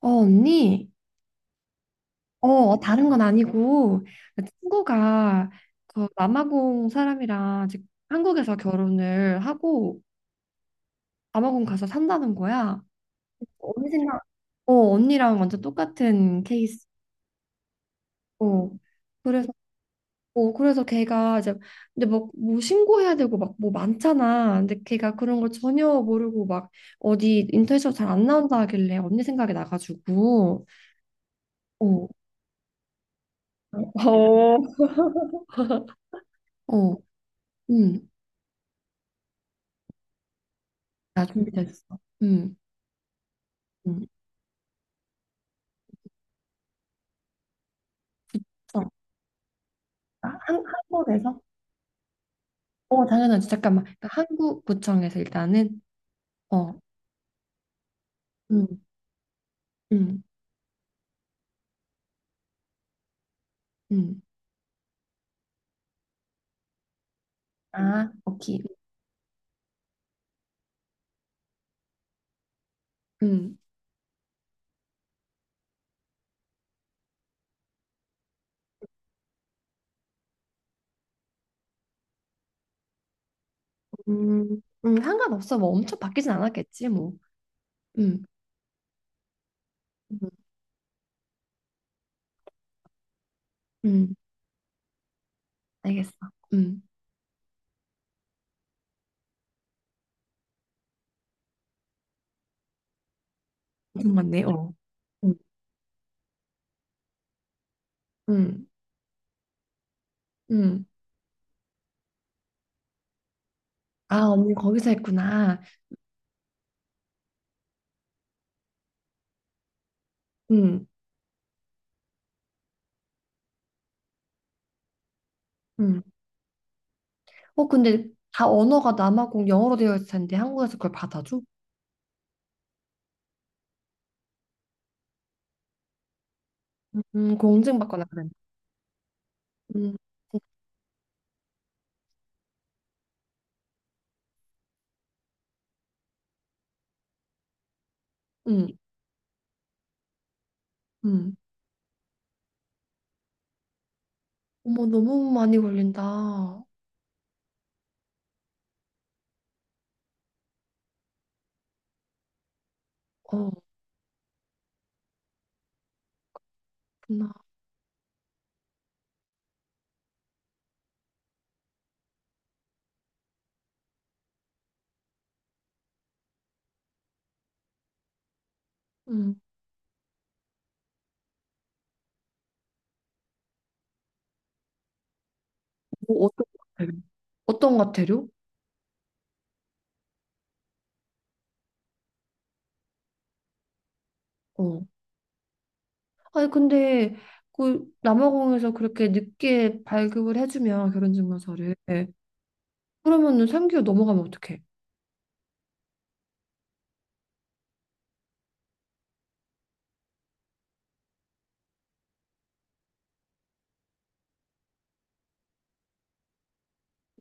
어, 언니? 어, 다른 건 아니고, 친구가 그 남아공 사람이랑 지금 한국에서 결혼을 하고 남아공 가서 산다는 거야. 언니 생각, 어, 언니랑 완전 똑같은 케이스. 어, 그래서, 어, 그래서 걔가 이제, 근데 막, 뭐 신고해야 되고 막 뭐 많잖아. 근데 걔가 그런 걸 전혀 모르고 막 어디 인터넷에서 잘 안 나온다 하길래 언니 생각이 나가지고, 어, 어, 어, 음. 나 준비됐어. 음, 어 아, 한국에서? 어, 당연하지. 잠깐만. 그러니까 한국구청에서 일단은, 어, 음. 음, 음, 아, 오케이. 음, 상관없어. 뭐 엄청 바뀌진 않았겠지, 뭐. 음, 음, 음, 알겠어. 음, 맞네, 어. 음. 음, 음. 아, 언니 거기서 했구나. 음, 음. 어, 근데 다 언어가 남아공 영어로 되어 있을 텐데 한국에서 그걸 받아줘? 공증받거나 그랬나? 음, 음. 음. 어머, 너무 많이 걸린다. 어, 그렇구나. 음. 뭐 어떤 과태료? 어떤 과태료? 어. 아니, 근데 그 남아공에서 그렇게 늦게 발급을 해주면 결혼증명서를 그러면은 3개월 넘어가면 어떡해?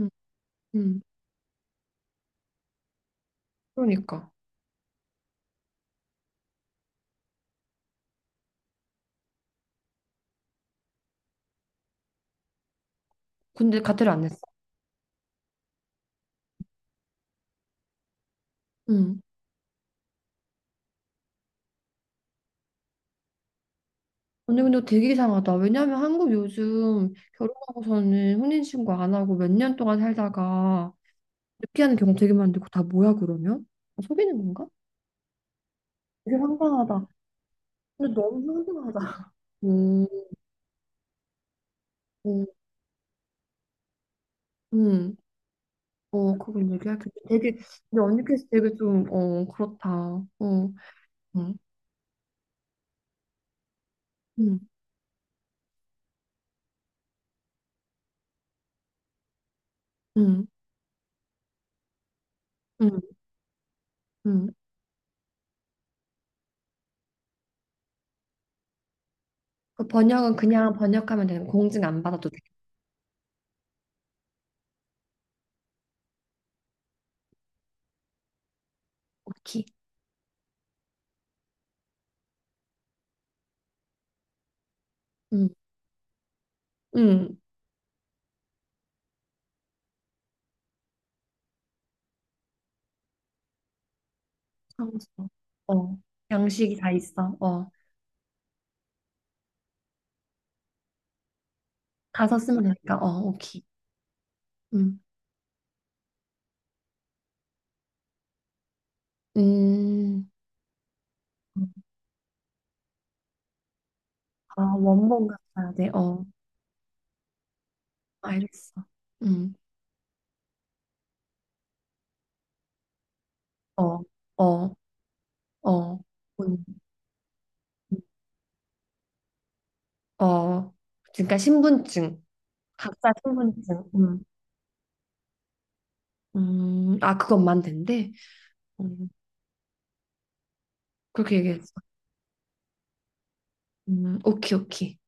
음, 음. 그러니까. 근데 과태료 안 냈어. 음. 언니 근데 되게 이상하다. 왜냐하면 한국 요즘 결혼하고서는 혼인신고 안 하고 몇 년 동안 살다가 늦게 하는 경우 되게 많은데 그거 다 뭐야 그러면? 속이는 건가? 되게 황당하다. 근데 너무 소중하다. 음, 음, 음. 어, 그건 얘기할게. 되게, 근데 언니께서 되게 좀, 어, 그렇다. 어, 음, 음, 음, 음, 음. 그 번역은 그냥 번역하면 되는 거. 공증 안 받아도 돼. 오케이. 음, 음. 참고서. 어, 양식이 다 있어. 어, 가서 쓰면 되니까. 어, 오케이. 음, 음. 아, 원본 같아야 돼. 어, 알겠어. 음, 어, 어, 어. 음. 어, 그러니까 신분증, 각자 신분증. 음. 아, 그것만 된대? 음, 그렇게 얘기했어. 오케이, 오케이.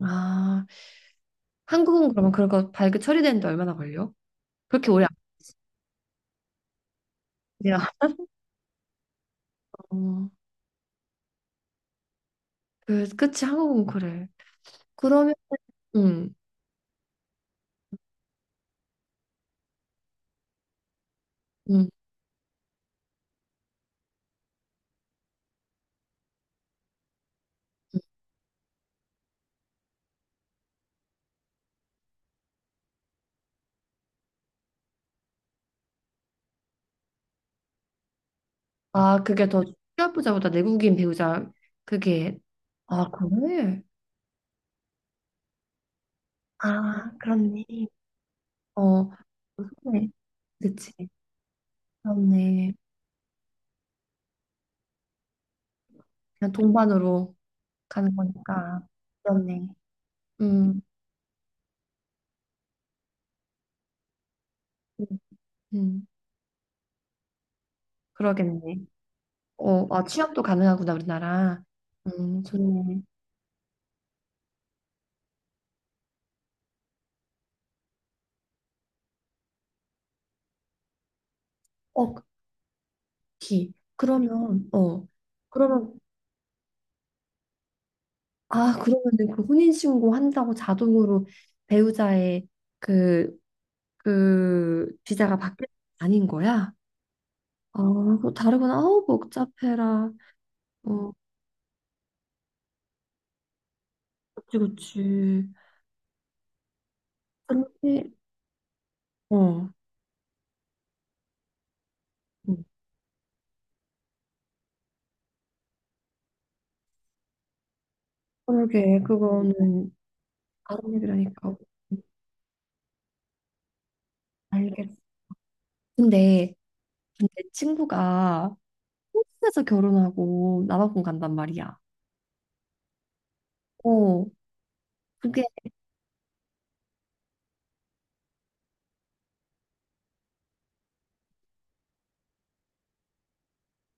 아, 한국은 그러면 그거 발급 처리되는데 얼마나 걸려? 그렇게 오래 안 걸려. 어, 그, 그치, 한국은 그래. 그러면, 음, 음. 아, 그게 더 취업부자보다 내국인 배우자, 그게, 아, 그래? 아, 그렇네. 어, 그렇네. 그치. 그렇네. 그냥 동반으로. 가는 거니까. 그렇네. 음, 음, 음, 그러겠네. 어, 아, 취업도 가능하구나, 우리나라. 좋네. 어, 기. 그러면, 어, 그러면, 아, 그러면은 그 혼인신고 한다고 자동으로 배우자의 그, 그 비자가 바뀌는 게 아닌 거야? 아, 그거 다르구나. 아우, 복잡해라. 어, 그치, 그치. 근데, 어, 음, 그러게, 그거는 다른 얘기라니까. 알겠어. 근데 내 친구가 한국에서 결혼하고 남아공 간단 말이야. 어, 그게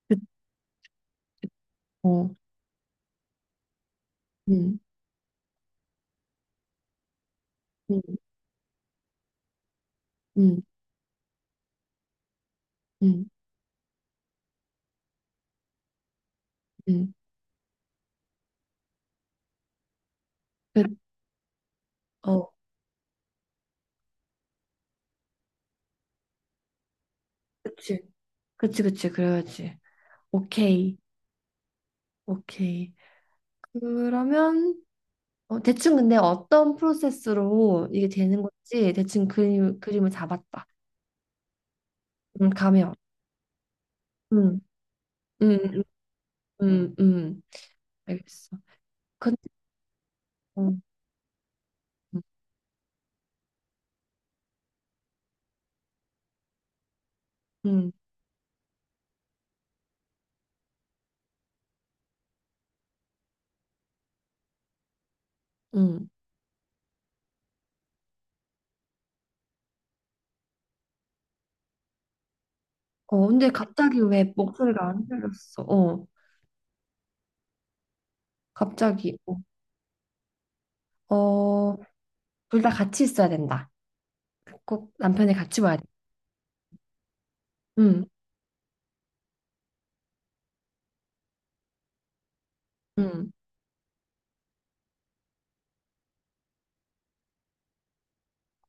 그, 어, 응, 응, 응, 응, 응, 그, 어, 그치, 그치, 그치, 그래야지. 오케이, 오케이. 그러면 어, 대충 근데 어떤 프로세스로 이게 되는 건지 대충 그림을 잡았다. 가면, 응, 응, 응, 응, 응. 알겠어. 근데, 응, 응, 응. 응. 어, 근데 갑자기 왜 목소리가 안 들렸어? 어, 갑자기. 어, 어, 둘 다 같이 있어야 된다. 꼭 남편이 같이 와야 돼. 응, 응.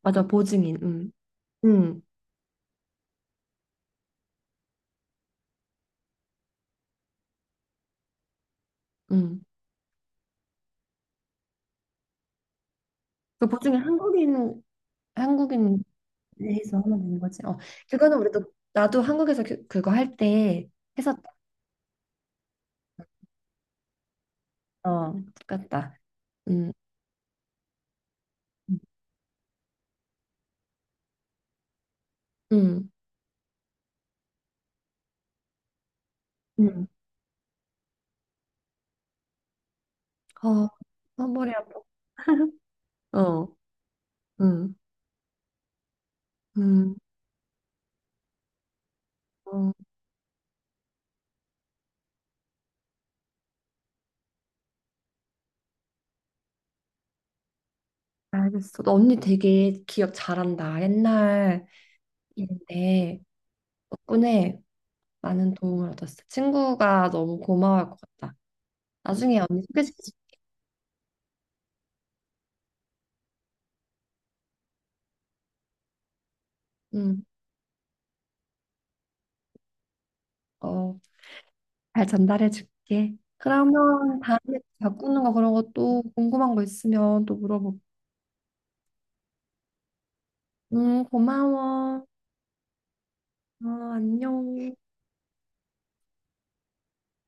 맞아, 보증인. 응, 응, 응. 그 보증인 한국인, 한국인 에서 하면 되는 거지. 어, 그거는 우리도, 나도 한국에서 그, 그거 할 때 했었다. 어, 똑같다. 응, 응, 응. 어, 어, 머리 아파. 어, 응, 응. 어, 알겠어. 너 언니 되게 기억 잘한다. 옛날. 인데 덕분에 많은 도움을 얻었어. 친구가 너무 고마워할 것 같다. 나중에 언니 소개시켜줄게. 응, 어, 잘 전달해줄게. 그러면 다음에 바꾸는 거 그런 것도 궁금한 거 있으면 또 물어볼게. 응, 고마워. 어, 안녕.